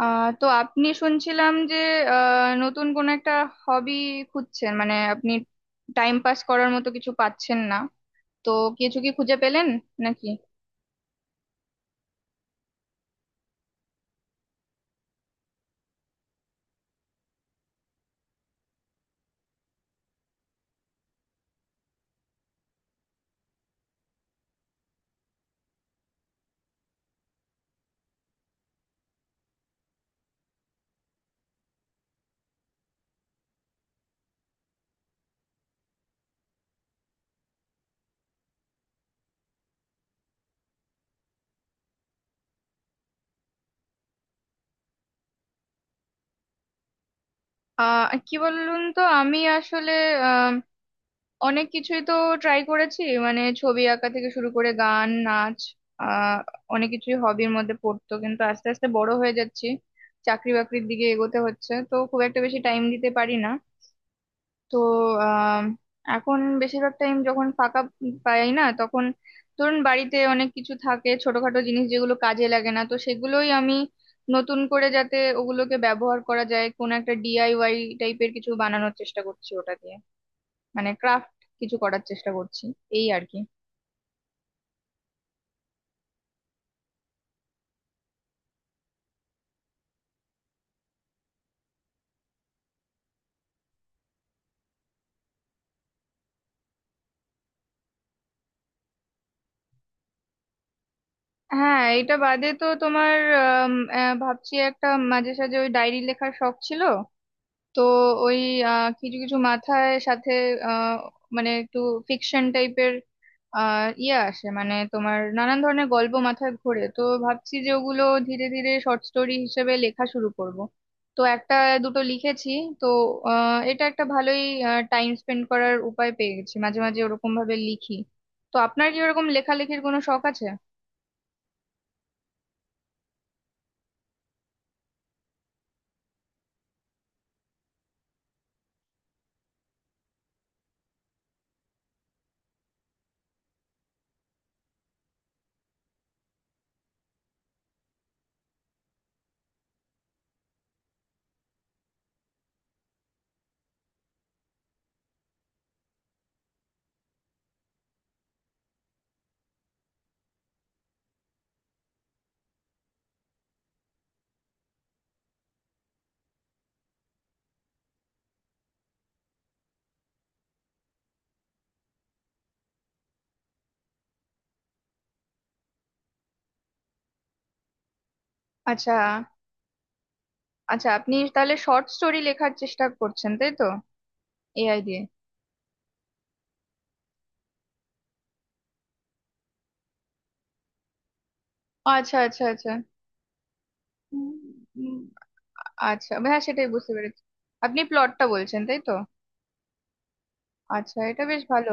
তো আপনি শুনছিলাম যে নতুন কোন একটা হবি খুঁজছেন, মানে আপনি টাইম পাস করার মতো কিছু পাচ্ছেন না। তো কিছু কি খুঁজে পেলেন নাকি? কি বলুন তো, আমি আসলে আহ, অনেক কিছুই তো ট্রাই করেছি, মানে ছবি আঁকা থেকে শুরু করে গান, নাচ, আহ অনেক কিছুই হবির মধ্যে পড়তো। কিন্তু আস্তে আস্তে বড় হয়ে যাচ্ছি, চাকরি বাকরির দিকে এগোতে হচ্ছে, তো খুব একটা বেশি টাইম দিতে পারি না। তো আহ এখন বেশিরভাগ টাইম যখন ফাঁকা পাই না, তখন ধরুন বাড়িতে অনেক কিছু থাকে, ছোটখাটো জিনিস যেগুলো কাজে লাগে না, তো সেগুলোই আমি নতুন করে যাতে ওগুলোকে ব্যবহার করা যায়, কোন একটা ডিআইওয়াই টাইপের কিছু বানানোর চেষ্টা করছি ওটা দিয়ে, মানে ক্রাফট কিছু করার চেষ্টা করছি এই আর কি। হ্যাঁ, এটা বাদে তো তোমার ভাবছি একটা, মাঝে সাঝে ওই ডায়েরি লেখার শখ ছিল, তো ওই কিছু কিছু মাথায় সাথে আহ, মানে একটু ফিকশন টাইপের ইয়ে আসে, মানে তোমার নানান ধরনের গল্প মাথায় ঘোরে, তো ভাবছি যে ওগুলো ধীরে ধীরে শর্ট স্টোরি হিসেবে লেখা শুরু করব। তো একটা দুটো লিখেছি। তো এটা একটা ভালোই টাইম স্পেন্ড করার উপায় পেয়ে গেছি, মাঝে মাঝে ওরকম ভাবে লিখি। তো আপনার কি ওরকম লেখালেখির কোনো শখ আছে? আচ্ছা, আচ্ছা, আপনি তাহলে শর্ট স্টোরি লেখার চেষ্টা করছেন তাই তো, এআই দিয়ে? আচ্ছা, আচ্ছা, আচ্ছা। উম, উম, আচ্ছা, হ্যাঁ সেটাই বুঝতে পেরেছি। আপনি প্লটটা বলছেন তাই তো? আচ্ছা, এটা বেশ ভালো।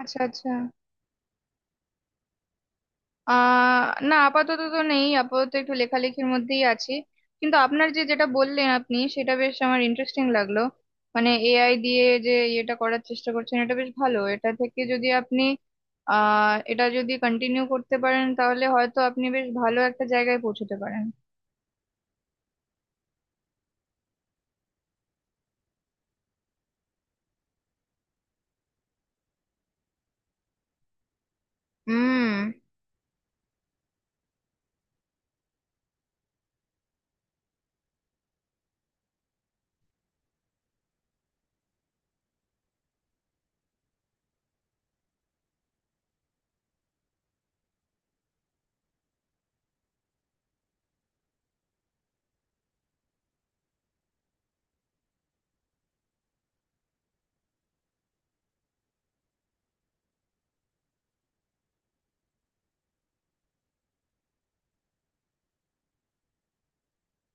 আচ্ছা, আচ্ছা। আহ না, আপাতত তো নেই, আপাতত একটু লেখালেখির মধ্যেই আছি। কিন্তু আপনার যে যেটা বললেন আপনি, সেটা বেশ আমার ইন্টারেস্টিং লাগলো। মানে এআই দিয়ে যে ইয়েটা করার চেষ্টা করছেন এটা বেশ ভালো, এটা থেকে যদি আপনি এটা যদি কন্টিনিউ করতে পারেন তাহলে হয়তো আপনি বেশ ভালো একটা জায়গায় পৌঁছতে পারেন। হুম।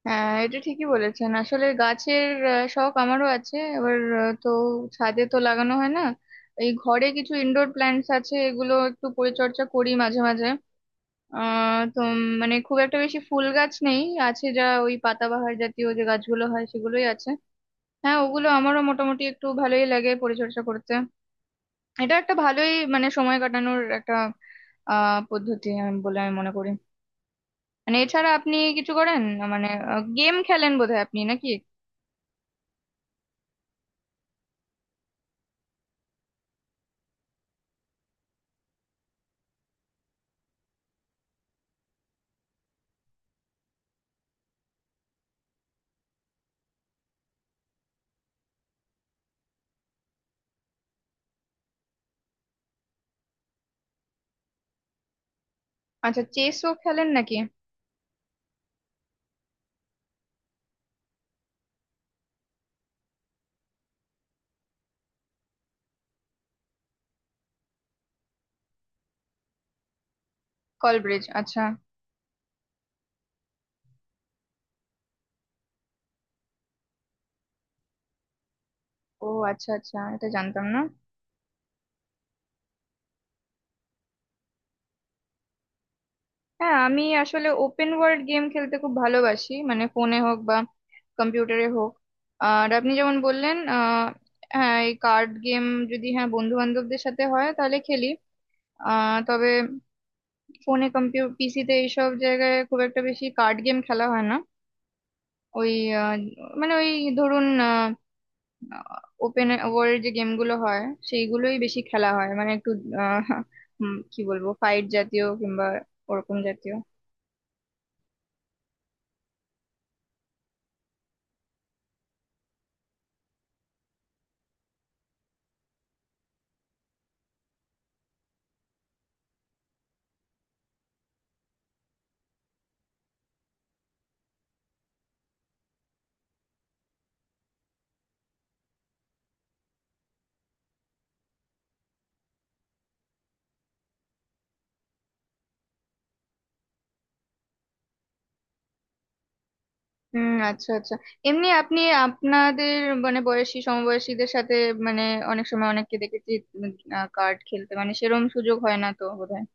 হ্যাঁ, এটা ঠিকই বলেছেন, আসলে গাছের শখ আমারও আছে। এবার তো ছাদে তো লাগানো হয় না, এই ঘরে কিছু ইনডোর প্ল্যান্টস আছে, এগুলো একটু পরিচর্যা করি মাঝে মাঝে। তো মানে খুব একটা বেশি ফুল গাছ নেই, আছে যা ওই পাতাবাহার জাতীয় যে গাছগুলো হয় সেগুলোই আছে। হ্যাঁ, ওগুলো আমারও মোটামুটি একটু ভালোই লাগে পরিচর্যা করতে। এটা একটা ভালোই, মানে সময় কাটানোর একটা পদ্ধতি বলে আমি মনে করি। মানে এছাড়া আপনি কিছু করেন, মানে গেম খেলেন বোধহয় আপনি নাকি? আচ্ছা, চেসও খেলেন নাকি? কল ব্রিজ, আচ্ছা। ও আচ্ছা, আচ্ছা, এটা জানতাম না। হ্যাঁ, আমি আসলে ওপেন ওয়ার্ল্ড গেম খেলতে খুব ভালোবাসি, মানে ফোনে হোক বা কম্পিউটারে হোক। আর আপনি যেমন বললেন হ্যাঁ এই কার্ড গেম, যদি হ্যাঁ বন্ধু বান্ধবদের সাথে হয় তাহলে খেলি। তবে ফোনে, কম্পিউটার, পিসিতে এইসব জায়গায় খুব একটা বেশি কার্ড গেম খেলা হয় না। ওই আহ, মানে ওই ধরুন ওপেন ওয়ার্ল্ড যে গেমগুলো হয় সেইগুলোই বেশি খেলা হয়, মানে একটু আহ, কি বলবো, ফাইট জাতীয় কিংবা ওরকম জাতীয়। হুম, আচ্ছা, আচ্ছা। এমনি আপনি, আপনাদের মানে বয়সী, সমবয়সীদের সাথে, মানে অনেক সময় অনেককে দেখেছি কার্ড খেলতে, মানে সেরম সুযোগ হয় না তো বোধহয়।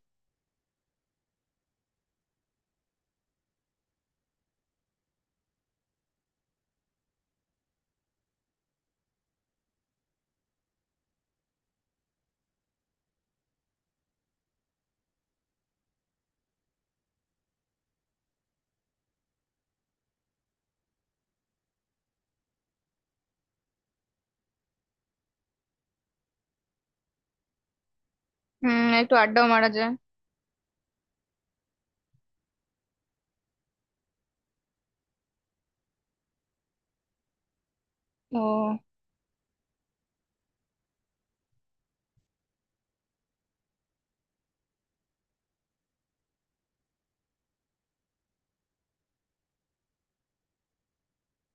হুম, একটু আড্ডাও মারা যায়। ও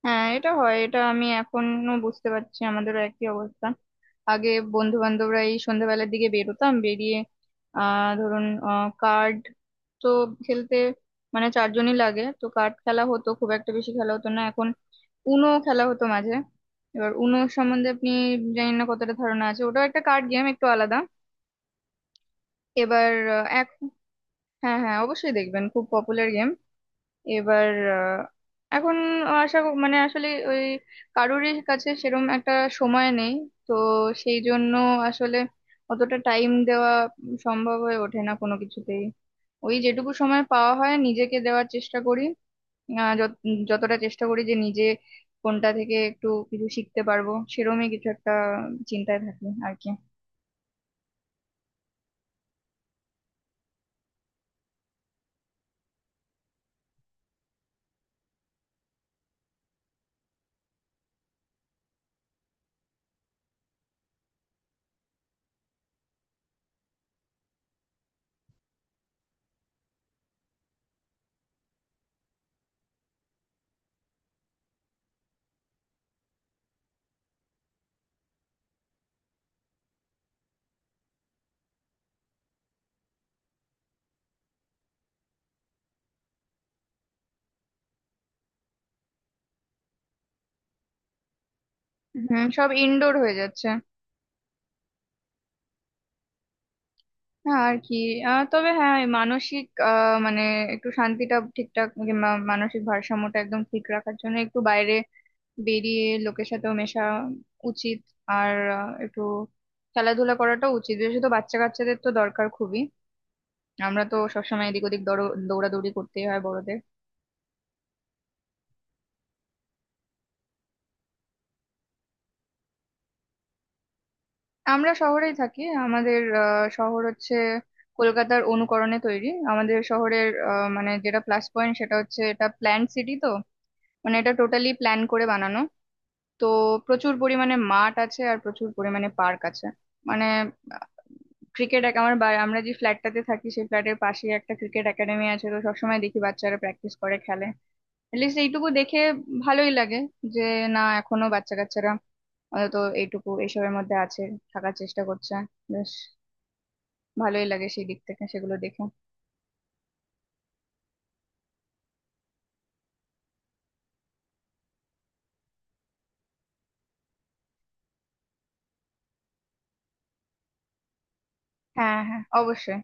হ্যাঁ, এটা হয়, এটা আমি এখনো বুঝতে পারছি, আমাদেরও একই অবস্থা। আগে বন্ধু বান্ধবরা এই সন্ধ্যাবেলার দিকে বেরোতাম, বেরিয়ে ধরুন কার্ড, তো খেলতে মানে চারজনই লাগে, তো কার্ড খেলা হতো, খুব একটা বেশি খেলা হতো না। এখন উনো খেলা হতো মাঝে। এবার উনো সম্বন্ধে আপনি জানি না কতটা ধারণা আছে, ওটাও একটা কার্ড গেম একটু আলাদা। এবার আহ, এক হ্যাঁ, হ্যাঁ, অবশ্যই দেখবেন, খুব পপুলার গেম। এবার আহ, এখন মানে আসলে ওই কারোরই কাছে সেরম একটা সময় নেই, তো সেই জন্য আসলে অতটা টাইম দেওয়া সম্ভব হয়ে ওঠে না কোনো কিছুতেই। ওই যেটুকু সময় পাওয়া হয় নিজেকে দেওয়ার চেষ্টা করি। আহ, যত- যতটা চেষ্টা করি যে নিজে কোনটা থেকে একটু কিছু শিখতে পারবো সেরমই কিছু একটা চিন্তায় থাকি আর কি। হুম, সব ইনডোর হয়ে যাচ্ছে। না আর কি। তবে হ্যাঁ, এই মানসিক মানে একটু শান্তিটা ঠিকঠাক, মানে মানসিক ভারসাম্যটা একদম ঠিক রাখার জন্য একটু বাইরে বেরিয়ে লোকের সাথেও মেশা উচিত। আর একটু খেলাধুলা করাটাও উচিত, বিশেষত বাচ্চা কাচ্চাদের তো দরকার খুবই। আমরা তো সবসময় এদিক ওদিক দৌড়াদৌড়ি করতেই হয় বড়দের। আমরা শহরেই থাকি। আমাদের শহর হচ্ছে কলকাতার অনুকরণে তৈরি। আমাদের শহরের মানে যেটা প্লাস পয়েন্ট সেটা হচ্ছে এটা প্ল্যান্ড সিটি, তো মানে এটা টোটালি প্ল্যান করে বানানো। তো প্রচুর পরিমাণে মাঠ আছে আর প্রচুর পরিমাণে পার্ক আছে। মানে ক্রিকেট আমরা যে ফ্ল্যাটটাতে থাকি সেই ফ্ল্যাটের পাশে একটা ক্রিকেট একাডেমি আছে, তো সবসময় দেখি বাচ্চারা প্র্যাকটিস করে খেলে। এটলিস্ট এইটুকু দেখে ভালোই লাগে যে না, এখনো বাচ্চা কাচ্চারা অন্তত এইটুকু এইসবের মধ্যে আছে, থাকার চেষ্টা করছে। বেশ ভালোই লাগে সেই দিক থেকে সেগুলো দেখে। হ্যাঁ, হ্যাঁ, অবশ্যই।